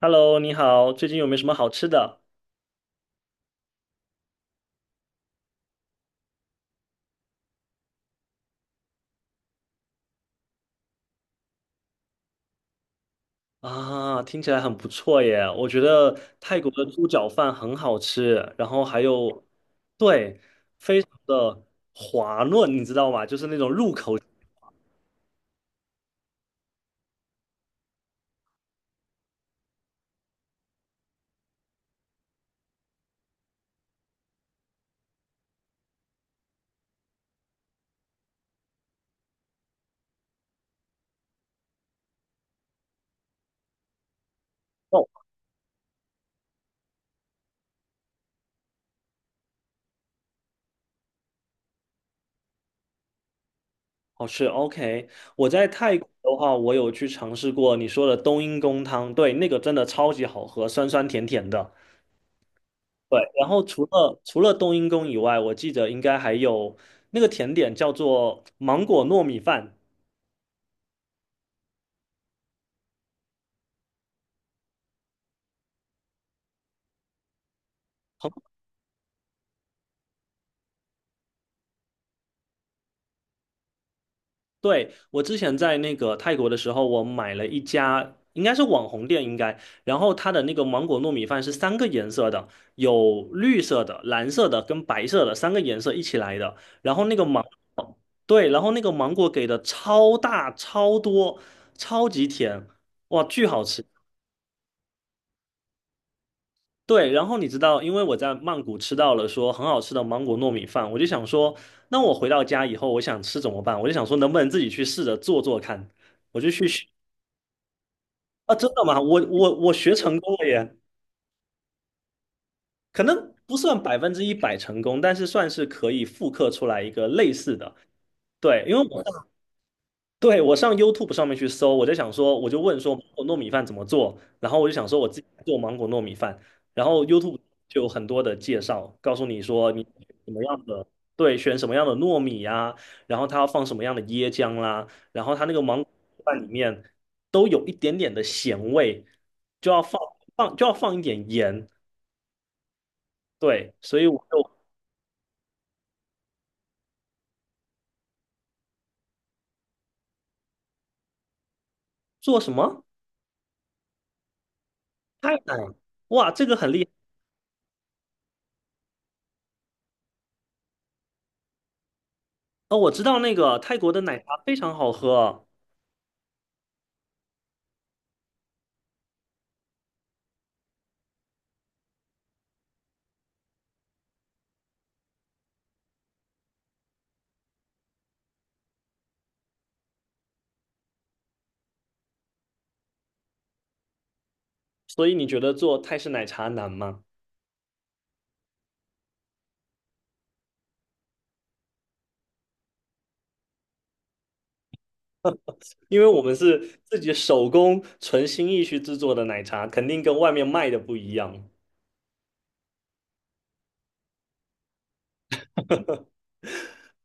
Hello，你好，最近有没有什么好吃的啊？听起来很不错耶，我觉得泰国的猪脚饭很好吃，然后还有对的滑润，你知道吗？就是那种入口即哦，好吃。OK，我在泰国的话，我有去尝试过你说的冬阴功汤，对，那个真的超级好喝，酸酸甜甜的。对，然后除了冬阴功以外，我记得应该还有那个甜点叫做芒果糯米饭。对，我之前在那个泰国的时候，我买了一家应该是网红店，应该，然后它的那个芒果糯米饭是三个颜色的，有绿色的、蓝色的跟白色的三个颜色一起来的，然后那个芒，对，然后那个芒果给的超大、超多、超级甜，哇，巨好吃。对，然后你知道，因为我在曼谷吃到了说很好吃的芒果糯米饭，我就想说，那我回到家以后，我想吃怎么办？我就想说，能不能自己去试着做做看。我就。啊，真的吗？我学成功了耶，可能不算100%成功，但是算是可以复刻出来一个类似的。对，因为我对，我上 YouTube 上面去搜，我就想说，我就问说芒果糯米饭怎么做，然后我就想说我自己做芒果糯米饭，然后 YouTube 就有很多的介绍，告诉你说你什么样的，对，选什么样的糯米呀、然后它要放什么样的椰浆啦，然后它那个芒果饭里面都有一点点的咸味，就要放放就要放一点盐，对，所以我就做什么泰奶，哇，这个很厉害哦，我知道那个泰国的奶茶非常好喝。所以你觉得做泰式奶茶难吗？因为我们是自己手工纯心意去制作的奶茶，肯定跟外面卖的不一样。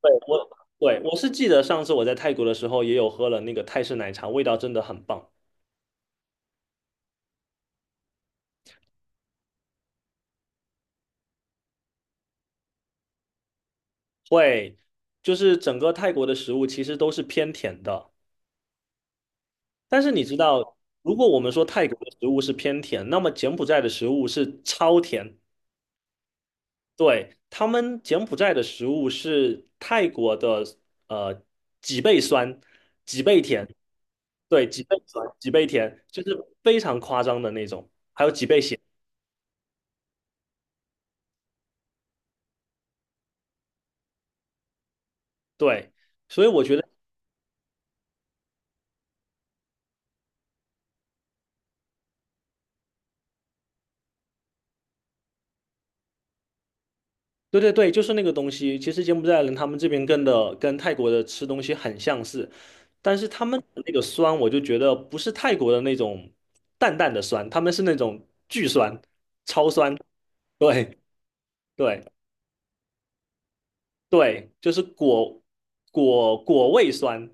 对，我，对，我是记得上次我在泰国的时候也有喝了那个泰式奶茶，味道真的很棒。会，就是整个泰国的食物其实都是偏甜的，但是你知道，如果我们说泰国的食物是偏甜，那么柬埔寨的食物是超甜，对，他们柬埔寨的食物是泰国的呃几倍酸，几倍甜，对，几倍酸，几倍甜，就是非常夸张的那种。对，所以我觉得，对对对，就是那个东西。其实柬埔寨人他们这边跟泰国的吃东西很相似，但是他们的那个酸，我就觉得不是泰国的那种淡淡的酸，他们是那种巨酸、超酸。对对。对，就是果果味酸。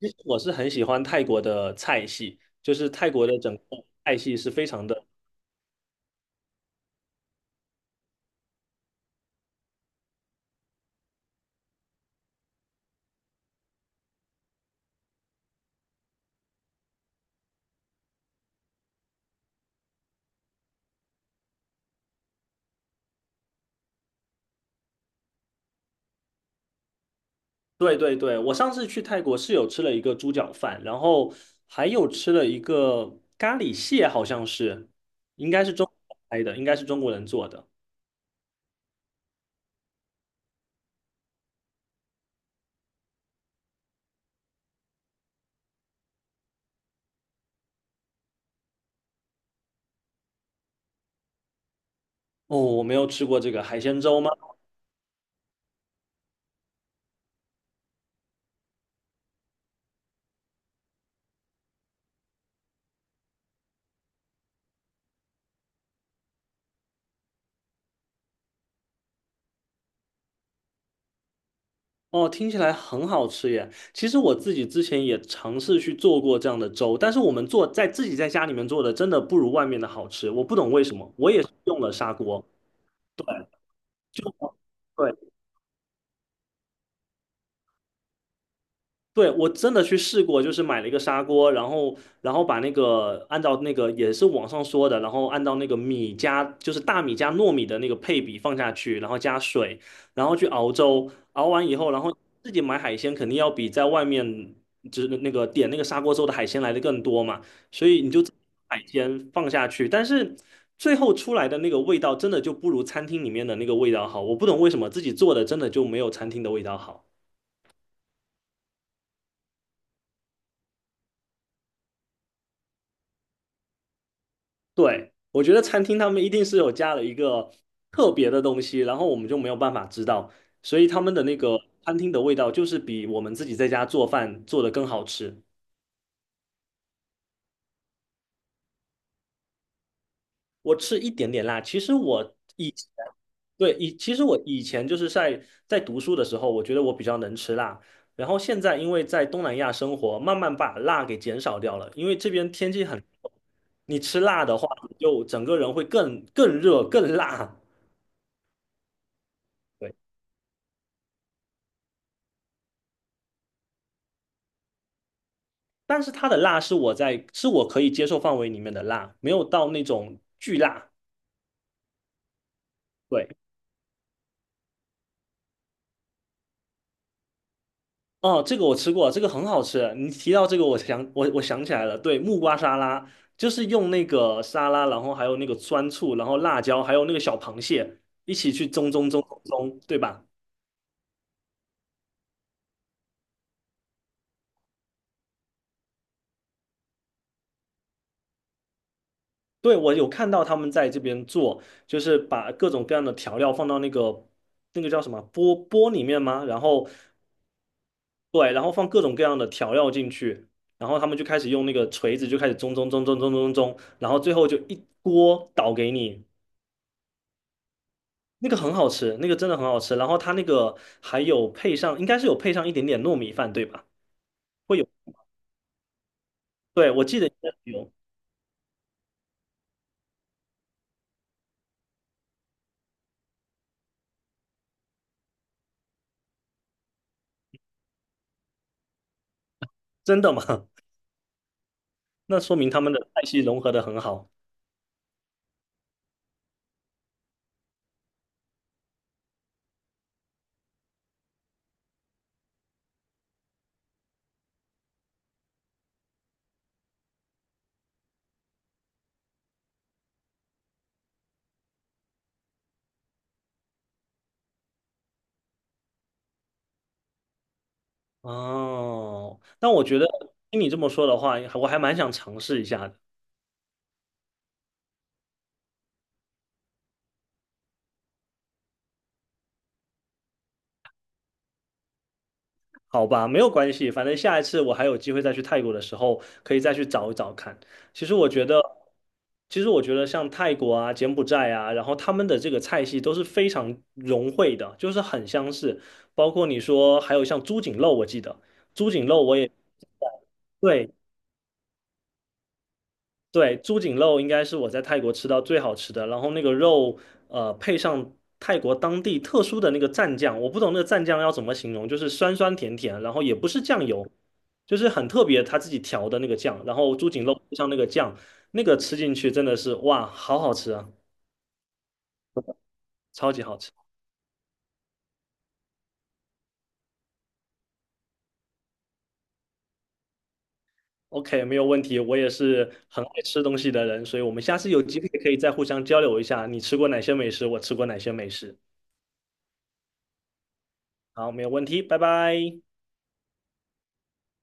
其实我是很喜欢泰国的菜系，就是泰国的整个菜系是非常的。对对对，我上次去泰国是有吃了一个猪脚饭，然后还有吃了一个咖喱蟹，好像是，应该是中国拍的，应该是中国人做的。哦，我没有吃过这个海鲜粥吗？哦，听起来很好吃耶！其实我自己之前也尝试去做过这样的粥，但是我们做在自己在家里面做的，真的不如外面的好吃。我不懂为什么，我也是用了砂锅，对，就对，对，我真的去试过，就是买了一个砂锅，然后把那个按照那个也是网上说的，然后按照那个米加就是大米加糯米的那个配比放下去，然后加水，然后去熬粥，熬完以后，然后自己买海鲜肯定要比在外面就是那个点那个砂锅粥的海鲜来的更多嘛，所以你就自己把海鲜放下去，但是最后出来的那个味道真的就不如餐厅里面的那个味道好，我不懂为什么自己做的真的就没有餐厅的味道好。对，我觉得餐厅他们一定是有加了一个特别的东西，然后我们就没有办法知道，所以他们的那个餐厅的味道就是比我们自己在家做饭做的更好吃。我吃一点点辣，其实我以前对以其实我以前就是在读书的时候，我觉得我比较能吃辣，然后现在因为在东南亚生活，慢慢把辣给减少掉了，因为这边天气很，你吃辣的话，你就整个人会更热更辣。对。但是它的辣是我在是我可以接受范围里面的辣，没有到那种巨辣。对，哦，这个我吃过，这个很好吃。你提到这个，我想我想起来了，对，木瓜沙拉就是用那个沙拉，然后还有那个酸醋，然后辣椒，还有那个小螃蟹一起去蒸蒸蒸蒸蒸对吧？对，我有看到他们在这边做，就是把各种各样的调料放到那个那个叫什么钵钵里面吗？然后对，然后放各种各样的调料进去，然后他们就开始用那个锤子就开始中中中中中中中，然后最后就一锅倒给你，那个很好吃，那个真的很好吃。然后它那个还有配上，应该是有配上一点点糯米饭，对吧？会有，对，我记得应该是有，真的吗？那说明他们的菜系融合的很好哦。但我觉得听你这么说的话，我还蛮想尝试一下的。好吧，没有关系，反正下一次我还有机会再去泰国的时候，可以再去找一找看。其实我觉得，其实我觉得像泰国啊、柬埔寨啊，然后他们的这个菜系都是非常融汇的，就是很相似。包括你说还有像猪颈肉，我记得猪颈肉我也。对，对，猪颈肉应该是我在泰国吃到最好吃的，然后那个肉，配上泰国当地特殊的那个蘸酱，我不懂那个蘸酱要怎么形容，就是酸酸甜甜，然后也不是酱油，就是很特别他自己调的那个酱，然后猪颈肉配上那个酱，那个吃进去真的是哇，好好吃啊，超级好吃。OK，没有问题，我也是很爱吃东西的人，所以我们下次有机会可以再互相交流一下，你吃过哪些美食，我吃过哪些美食。好，没有问题，拜拜。